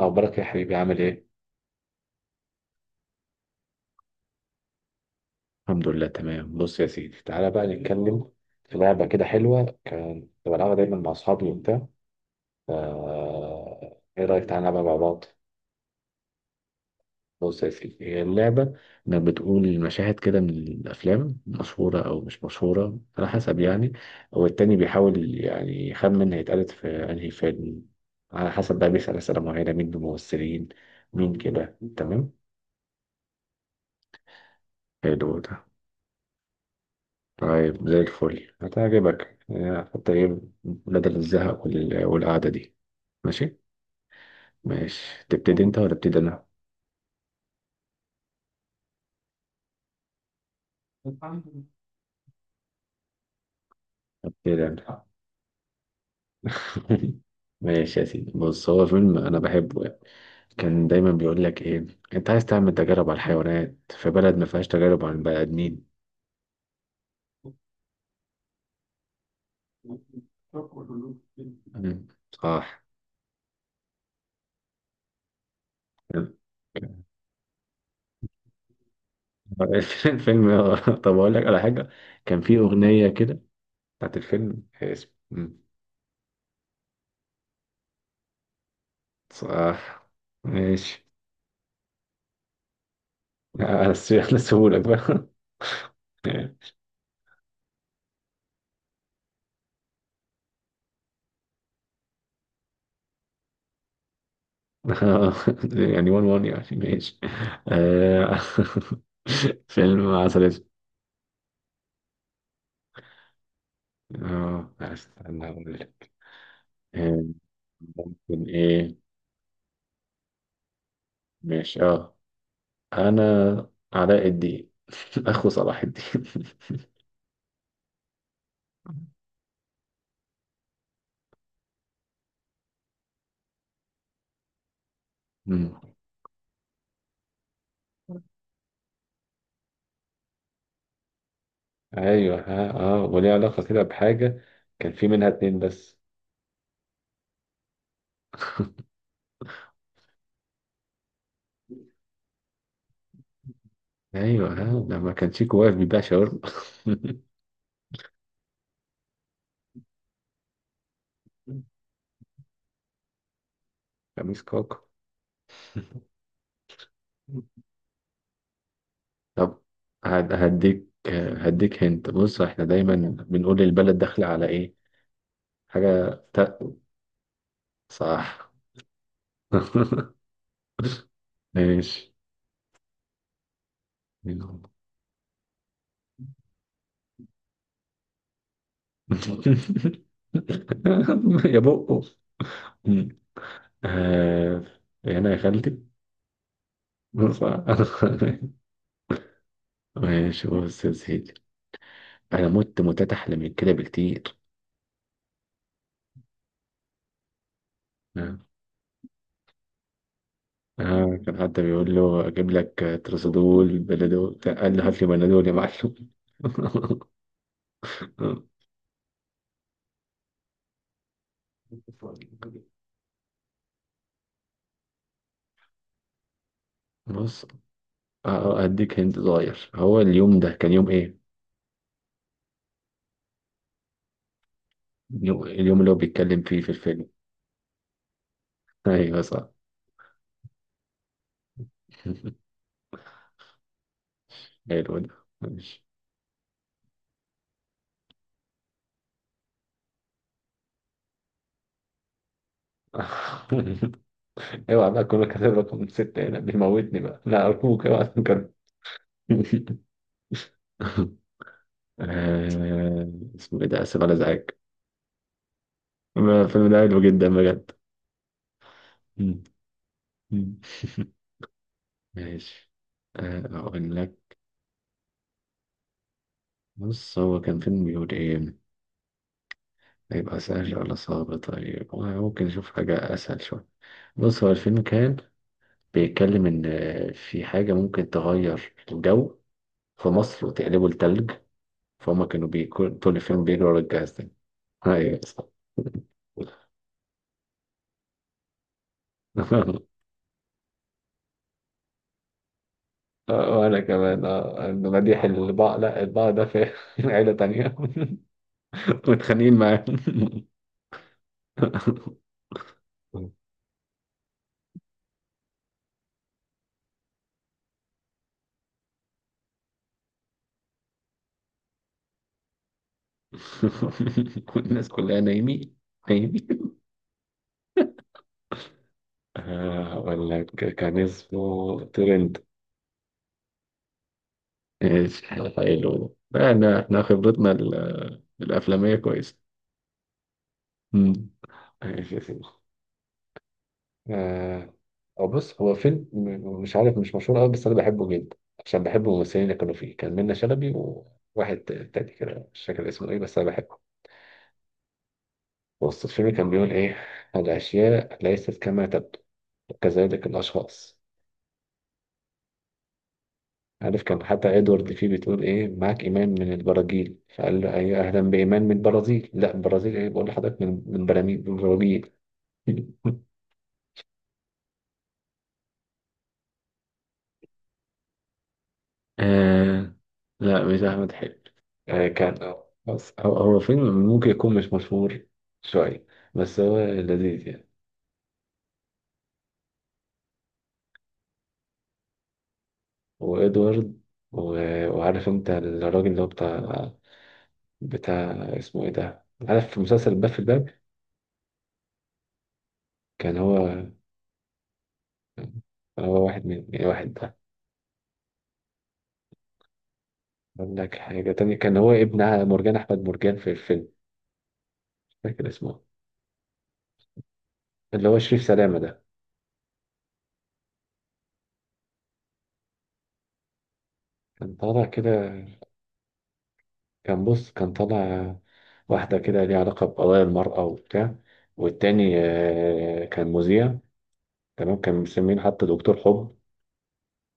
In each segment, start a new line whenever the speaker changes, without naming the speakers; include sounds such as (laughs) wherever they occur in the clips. أخبارك يا حبيبي، عامل إيه؟ الحمد لله تمام. بص يا سيدي، تعالى بقى نتكلم في لعبة كده حلوة كنت بلعبها دايما مع أصحابي وبتاع. إيه رأيك تعالى نلعبها مع بعض؟ بص يا سيدي، هي اللعبة انك بتقول مشاهد كده من الافلام، مشهوره او مش مشهوره على حسب يعني، والتاني بيحاول يعني يخمن هيتقالت في انهي فيلم. على حسب بقى بيسأل اسئله معينه، مين الممثلين، مين، كده تمام. حلو ده. طيب زي الفل هتعجبك. حتى ايه بدل الزهق والقعدة دي. ماشي. ماشي، تبتدي انت ولا ابتدي انا؟ ابتدي انا. (laughs) ماشي يا سيدي. بص، هو فيلم انا بحبه يعني، كان دايما بيقول لك ايه: انت عايز تعمل تجارب على الحيوانات في بلد ما فيهاش تجارب على البني ادمين. مم. صح. (laughs) الفيلم. طب اقول لك على حاجة. كان في اغنية كده بتاعت الفيلم اسم. صح. ماشي. بس احنا سهولك بقى. (laughs) يعني وان وان يعني، ماشي. آه، (laughs) فيلم عسل أسود. اه استنى اقول لك. آه، ممكن ايه. ماشي اه. انا علاء الدين. (laughs) اخو صلاح الدين. (laughs) مم. ايوه، ها، اه، وليه علاقة كده بحاجة. كان في منها اتنين بس. ايوه ها، لما كان شيكو واقف بيبيع شاورما. (laughs) خميس كاكا. طب، هديك، هديك هنت، بص، احنا دايما بنقول البلد داخلة على ايه، حاجة ت... صح. (laughs) ماشي. (laughs) يا بقه، آه، هنا يا خالتي. (laughs) صح. ماشي، بص يا سيدي، انا مت موتات احلى من كده بكتير. آه. آه، كان حتى بيقول له اجيب لك ترسدول بلدول، قال له هات لي بنادول يا معلم. (laughs) بص، أديك هنت صغير. هو اليوم ده كان يوم إيه؟ اليوم اللي هو بيتكلم فيه في الفيلم. أيوه صح. (laughs) حلو ده. ماشي. (laughs) اوعى بقى، كله كاتب رقم ستة. هنا بيموتني بقى، لا أرجوك اوعى تنكر. (laughs) آه، اسمه إيه ده، آسف على إزعاج. الفيلم ده حلو جدا بجد. مم. مم. (laughs) ماشي. آه، أقول لك. بص، هو كان فيلم بيقول إيه؟ هيبقى سهل ولا صعب؟ طيب، ممكن نشوف حاجة أسهل شوية. بص هو الفيلم كان بيتكلم إن في حاجة ممكن تغير الجو في مصر وتقلبه لتلج. فهم كانوا بيكون طول الفيلم بيجروا ورا الجهاز ده. أيوة صح. (laughs) آه، وأنا كمان. آه، إنه مديح البعض لا البعض ده في (laughs) عيلة تانية. (laughs) متخانقين معاه. (laughs) والناس كلها نايمين، نايمين. آه، أقول لك، كان اسمه ترند. ماشي. حلو ده. يعني احنا خبرتنا الافلاميه كويسه. مم. ماشي يا سيدي. آه، هو بص، هو فيلم مش عارف، مش مشهور قوي، بس انا بحبه جدا عشان بحب الممثلين اللي كانوا فيه. كان منة شلبي وواحد تاني كده، مش فاكر اسمه ايه، بس انا بحبه. بص الفيلم كان بيقول ايه: الاشياء ليست كما تبدو، كذلك الاشخاص. عارف، كان حتى ادوارد فيه بتقول ايه: معاك ايمان من البراجيل، فقال له ايوه اهلا بايمان من البرازيل، لا البرازيل ايه، بقول لحضرتك من براميل، من البراجيل. (laughs) آه، لا مش احمد حلمي. آه كان، بس هو، هو فيلم ممكن يكون مش مشهور شويه، بس هو لذيذ يعني. وادوارد، وعارف انت الراجل اللي هو بتاع، بتاع، اسمه ايه ده، عارف في مسلسل الباب، في الباب. كان هو، هو واحد من يعني واحد. أقول لك حاجة تانية، كان هو ابن مرجان أحمد مرجان في الفيلم. مش فاكر اسمه. اللي هو شريف سلامة ده. كان طالع كده. كان بص، كان طالع واحدة كده ليها علاقة بقضايا المرأة وبتاع، والتاني آه، كان مذيع تمام، كان مسمين حتى دكتور حب.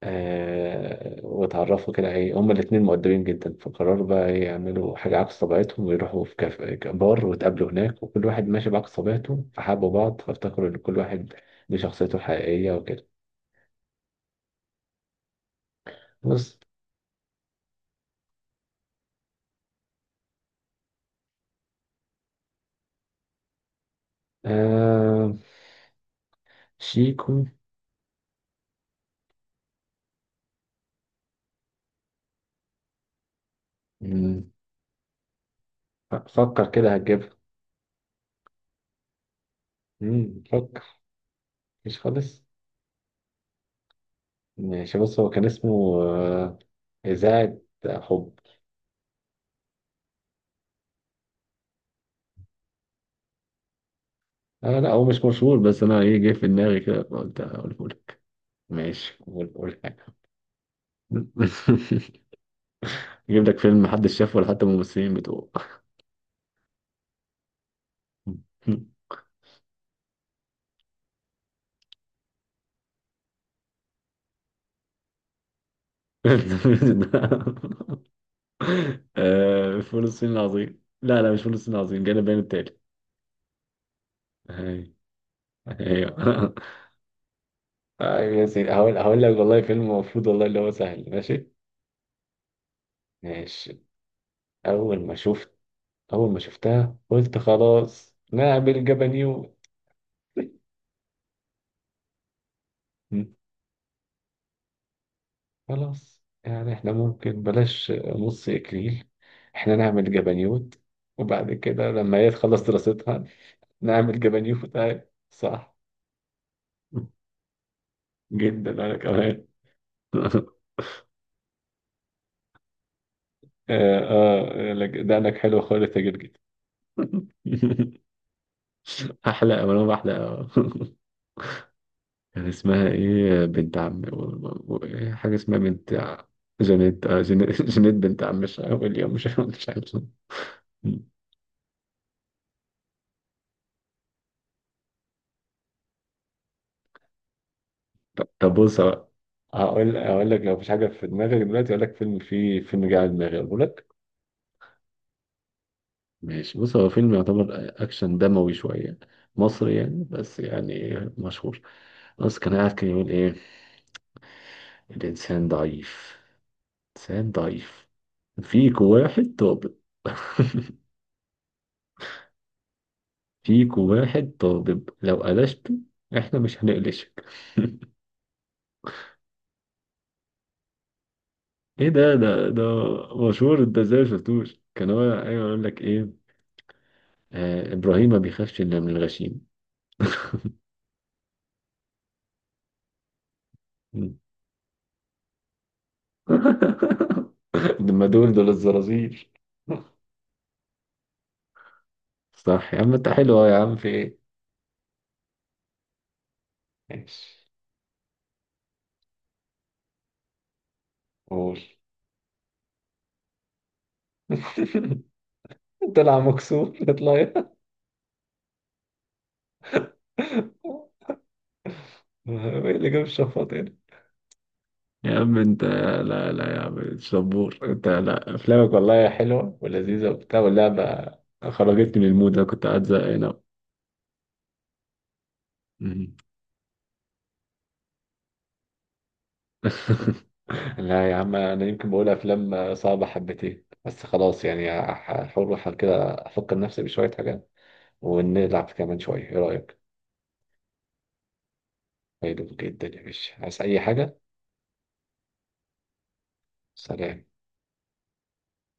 آه، واتعرفوا كده ايه، هما الاتنين مؤدبين جدا فقرروا بقى ايه يعملوا حاجة عكس طبيعتهم ويروحوا في كاف بار، واتقابلوا هناك وكل واحد ماشي بعكس طبيعته، فحبوا بعض فافتكروا ان كل واحد ليه شخصيته الحقيقية وكده. بص. آه شيكو. مم. فكر كده هتجيبها. مم، فكر. مش خالص. ماشي. بص، هو كان اسمه آه إذاعة حب. آه لا هو مش مشهور، بس أنا إيه جه في دماغي كده فقلت أقوله لك. ماشي، قول حاجة. (laughs) أجيب لك فيلم محدش شافه ولا حتى الممثلين بتوعه. (laughs) آه فول الصين العظيم، لا لا مش فول الصين العظيم، جانا البيان التالي. أيوه. (laughs) آه يا سيدي، هقول لك والله فيلم المفروض والله اللي هو سهل. ماشي. ماشي. أول ما شفت أول ما شفتها قلت خلاص نعمل جبنيو. م. خلاص يعني احنا ممكن بلاش نص إكليل، احنا نعمل جبنيوت، وبعد كده لما هي تخلص دراستها نعمل جبنيوت أهي. صح. جدا، أنا كمان. (laughs) آه آه ده أنك حلو خالص يا جدجد. (laughs) أحلى أوي، أنا أحلى أوي. (laughs) كان اسمها إيه بنت عم إيه، حاجة اسمها بنت جانيت، آه، (laughs) جانيت بنت عم، مش اليوم، مش عارف. طب بص بقى، هقول لك لو مفيش حاجة في دماغك دلوقتي. هقول لك فيلم، فيه فيلم جه على دماغي أقول لك. ماشي، بص هو فيلم يعتبر أكشن دموي شوية، مصري يعني، بس يعني مشهور. بس كان قاعد كان يقول إيه: الإنسان ضعيف، إنسان ضعيف، فيك واحد طابق. (laughs) فيكو واحد طالب لو قلشته احنا مش هنقلشك. (laughs) ايه ده مشهور، انت ازاي مشفتوش، كان هو ايوه يقول لك ايه: آه ابراهيم ما بيخافش الا من الغشيم. مم. (laughs) لما دول الزرازير. (laughs) صح يا عم انت، حلو أهو يا عم، في ايه. ماشي. قول. (laughs) طلع مكسور، اطلع. (laughs) ايه اللي جاب الشفاط. يا عم انت، لا لا يا عم مش صبور، انت لا افلامك والله حلوه ولذيذه وبتاع واللعبه خرجتني من المود، انا كنت قاعد زهقان أوي. مم. (laughs) لا يا عم، انا يمكن بقول افلام صعبه حبتين، بس خلاص يعني هحاول، احاول كده افكر نفسي بشويه حاجات، ونلعب كمان شويه، ايه رايك؟ حلو جدا يا باشا، عايز اي حاجه؟ سلام.